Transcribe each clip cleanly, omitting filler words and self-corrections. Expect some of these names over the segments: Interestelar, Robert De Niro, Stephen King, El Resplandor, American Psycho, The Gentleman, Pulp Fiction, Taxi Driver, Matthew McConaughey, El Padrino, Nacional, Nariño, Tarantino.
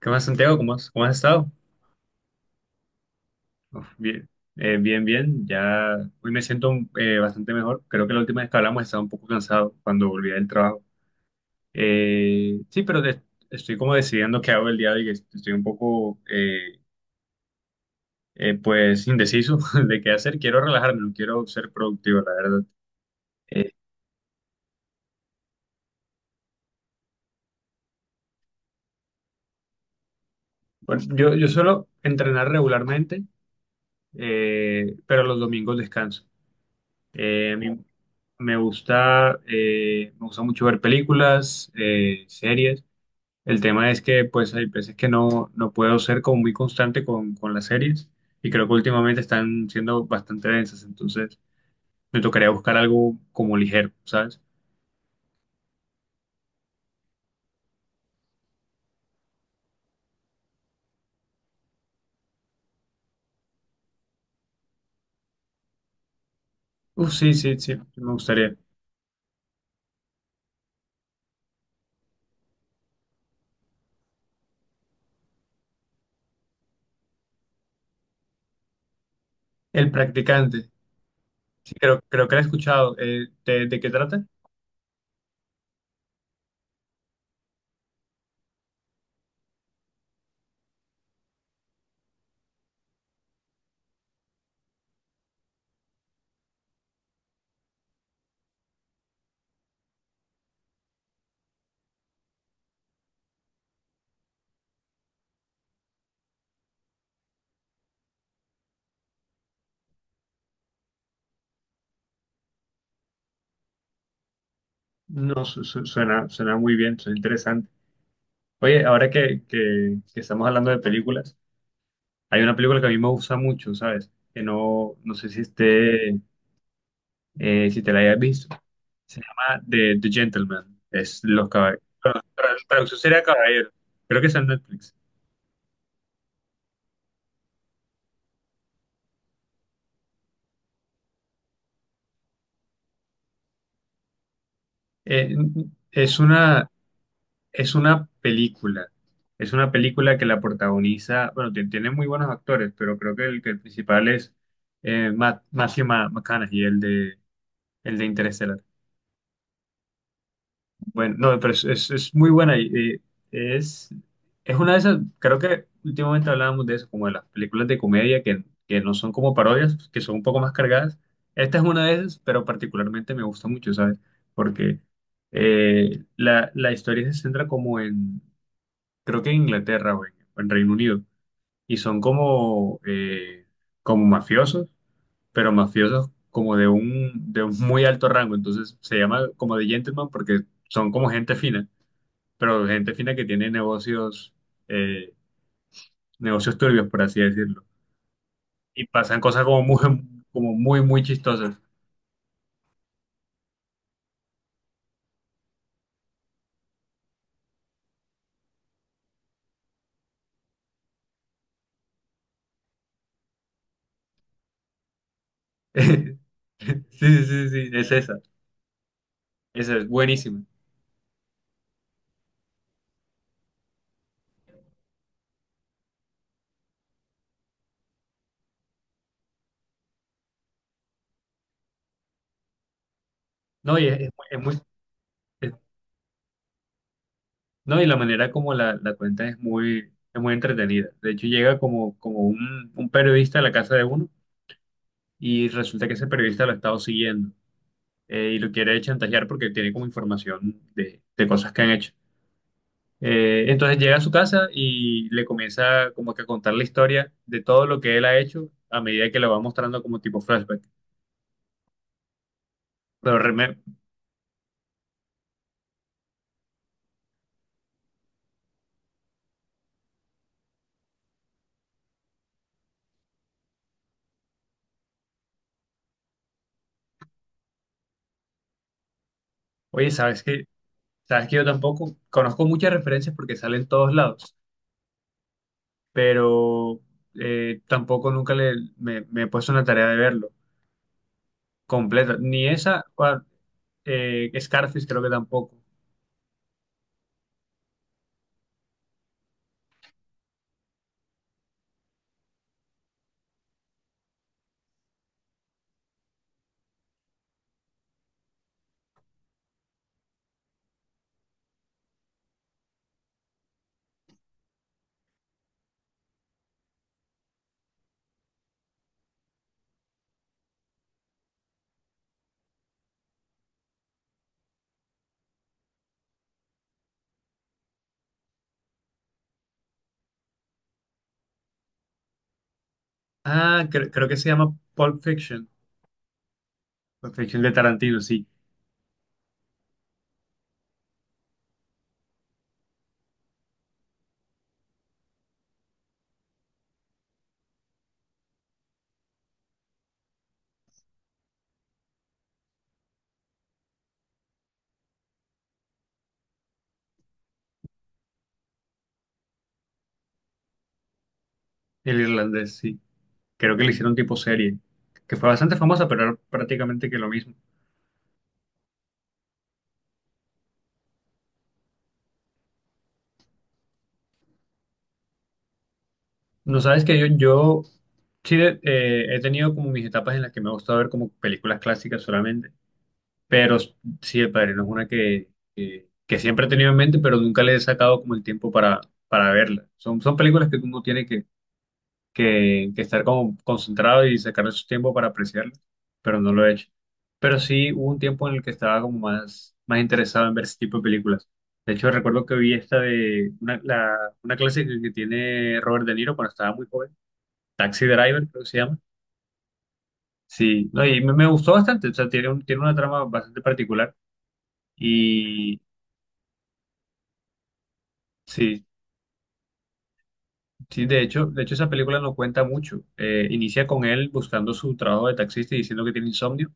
¿Qué más, Santiago? ¿Cómo has estado? Uf, bien, bien, bien. Ya hoy me siento bastante mejor. Creo que la última vez que hablamos estaba un poco cansado cuando volví del trabajo. Sí, pero estoy como decidiendo qué hago el día de hoy. Que Estoy un poco, pues, indeciso de qué hacer. Quiero relajarme, no quiero ser productivo, la verdad. Eh, bueno, yo suelo entrenar regularmente, pero los domingos descanso. A mí me gusta mucho ver películas, series. El tema es que pues hay veces que no puedo ser como muy constante con las series y creo que últimamente están siendo bastante densas, entonces me tocaría buscar algo como ligero, ¿sabes? Uf, sí, sí, sí, me gustaría. El practicante, sí, creo que la he escuchado. ¿ De qué trata? No, suena, suena muy bien, suena interesante. Oye, ahora que estamos hablando de películas. Hay una película que a mí me gusta mucho, ¿sabes? Que no sé si esté, si te la hayas visto. Se llama The Gentleman. Es los caballeros. Traducción sería caballero. Creo que está en Netflix. Eh, es una, es una película. Es una película que la protagoniza. Bueno, tiene muy buenos actores, pero creo que el principal es Matthew McConaughey, el de Interestelar. Bueno, no, pero es muy buena y eh, es, es una de esas, creo que últimamente hablábamos de eso, como de las películas de comedia que no son como parodias, que son un poco más cargadas. Esta es una de esas, pero particularmente me gusta mucho, ¿sabes? Porque la historia se centra como en, creo que en Inglaterra o en Reino Unido, y son como, como mafiosos, pero mafiosos como de un muy alto rango, entonces se llama como de gentleman porque son como gente fina pero gente fina que tiene negocios, eh, negocios turbios, por así decirlo. Y pasan cosas como muy, muy chistosas. Sí, sí, sí, sí, es esa. Esa es buenísima. No, y es muy- es- no, y la manera como la cuenta es muy entretenida. De hecho, llega como, un periodista a la casa de uno y resulta que ese periodista lo ha estado siguiendo y lo quiere chantajear porque tiene como información de cosas que han hecho. Entonces llega a su casa y le comienza como que a contar la historia de todo lo que él ha hecho a medida que lo va mostrando como tipo flashback. Pero Reme, oye, ¿sabes qué? ¿Sabes que yo tampoco conozco muchas referencias porque salen en todos lados, pero tampoco nunca le, me he puesto una tarea de verlo completa. Ni esa, Scarface creo que tampoco. Ah, creo que se llama Pulp Fiction. Pulp Fiction de Tarantino, sí. El irlandés, sí. Creo que le hicieron tipo serie, que fue bastante famosa, pero era prácticamente que lo mismo. No sabes que yo sí he tenido como mis etapas en las que me ha gustado ver como películas clásicas solamente, pero sí, El Padrino es una que siempre he tenido en mente, pero nunca le he sacado como el tiempo para verla. Son, son películas que uno tiene que estar como concentrado y sacar su tiempo para apreciarlo, pero no lo he hecho. Pero sí hubo un tiempo en el que estaba como más, más interesado en ver ese tipo de películas. De hecho, recuerdo que vi esta de una, una clase que tiene Robert De Niro cuando estaba muy joven, Taxi Driver, creo que se llama. Sí, no, y me gustó bastante, o sea, tiene una trama bastante particular y sí, sí, de hecho esa película no cuenta mucho. Inicia con él buscando su trabajo de taxista y diciendo que tiene insomnio.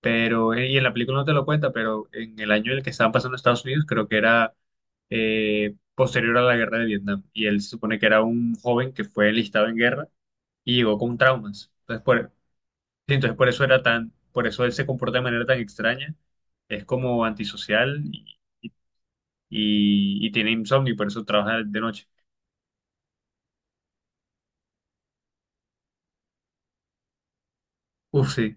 Pero, y en la película no te lo cuenta, pero en el año en el que estaban pasando Estados Unidos, creo que era posterior a la guerra de Vietnam. Y él se supone que era un joven que fue enlistado en guerra y llegó con traumas. Entonces por, sí, entonces por eso era tan, por eso él se comporta de manera tan extraña. Es como antisocial y tiene insomnio y por eso trabaja de noche. Uf, sí,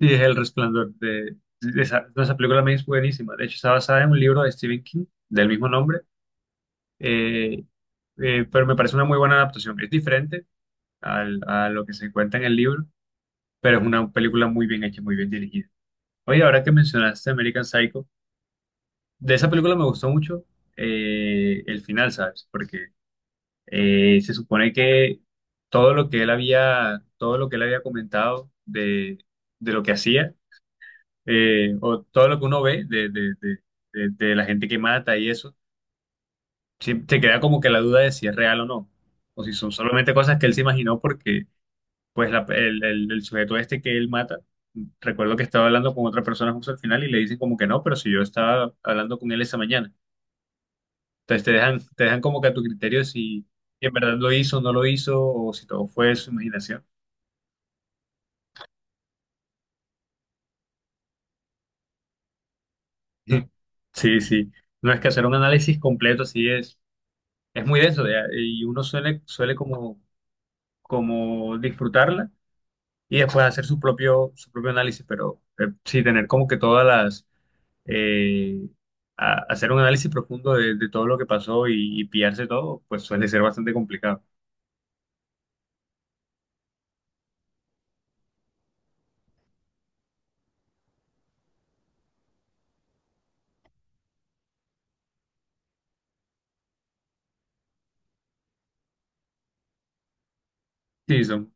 sí, es El Resplandor. De esa, de esa película me es buenísima. De hecho, está basada en un libro de Stephen King del mismo nombre. Eh, pero me parece una muy buena adaptación. Es diferente a lo que se encuentra en el libro, pero es una película muy bien hecha, muy bien dirigida. Oye, ahora que mencionaste American Psycho, de esa película me gustó mucho el final, ¿sabes? Porque se supone que todo lo que él había comentado de lo que hacía, o todo lo que uno ve de la gente que mata y eso. Sí, te queda como que la duda de si es real o no, o si son solamente cosas que él se imaginó porque pues el sujeto este que él mata, recuerdo que estaba hablando con otra persona justo al final y le dicen como que no, pero si yo estaba hablando con él esa mañana. Entonces te dejan como que a tu criterio si si en verdad lo hizo o no lo hizo o si todo fue su imaginación. Sí, sí. No es que hacer un análisis completo así es muy denso ya, y uno suele, suele como, como disfrutarla y después hacer su propio análisis, pero sí tener como que todas las, eh, hacer un análisis profundo de todo lo que pasó y pillarse todo, pues suele ser bastante complicado. Sí, son,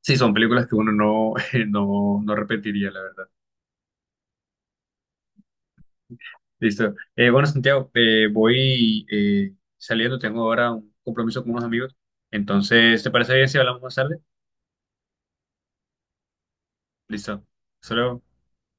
sí, son películas que uno no, no, no repetiría, la verdad. Listo. Bueno, Santiago, voy saliendo, tengo ahora un compromiso con unos amigos, entonces, ¿te parece bien si hablamos más tarde? Listo. Hasta luego.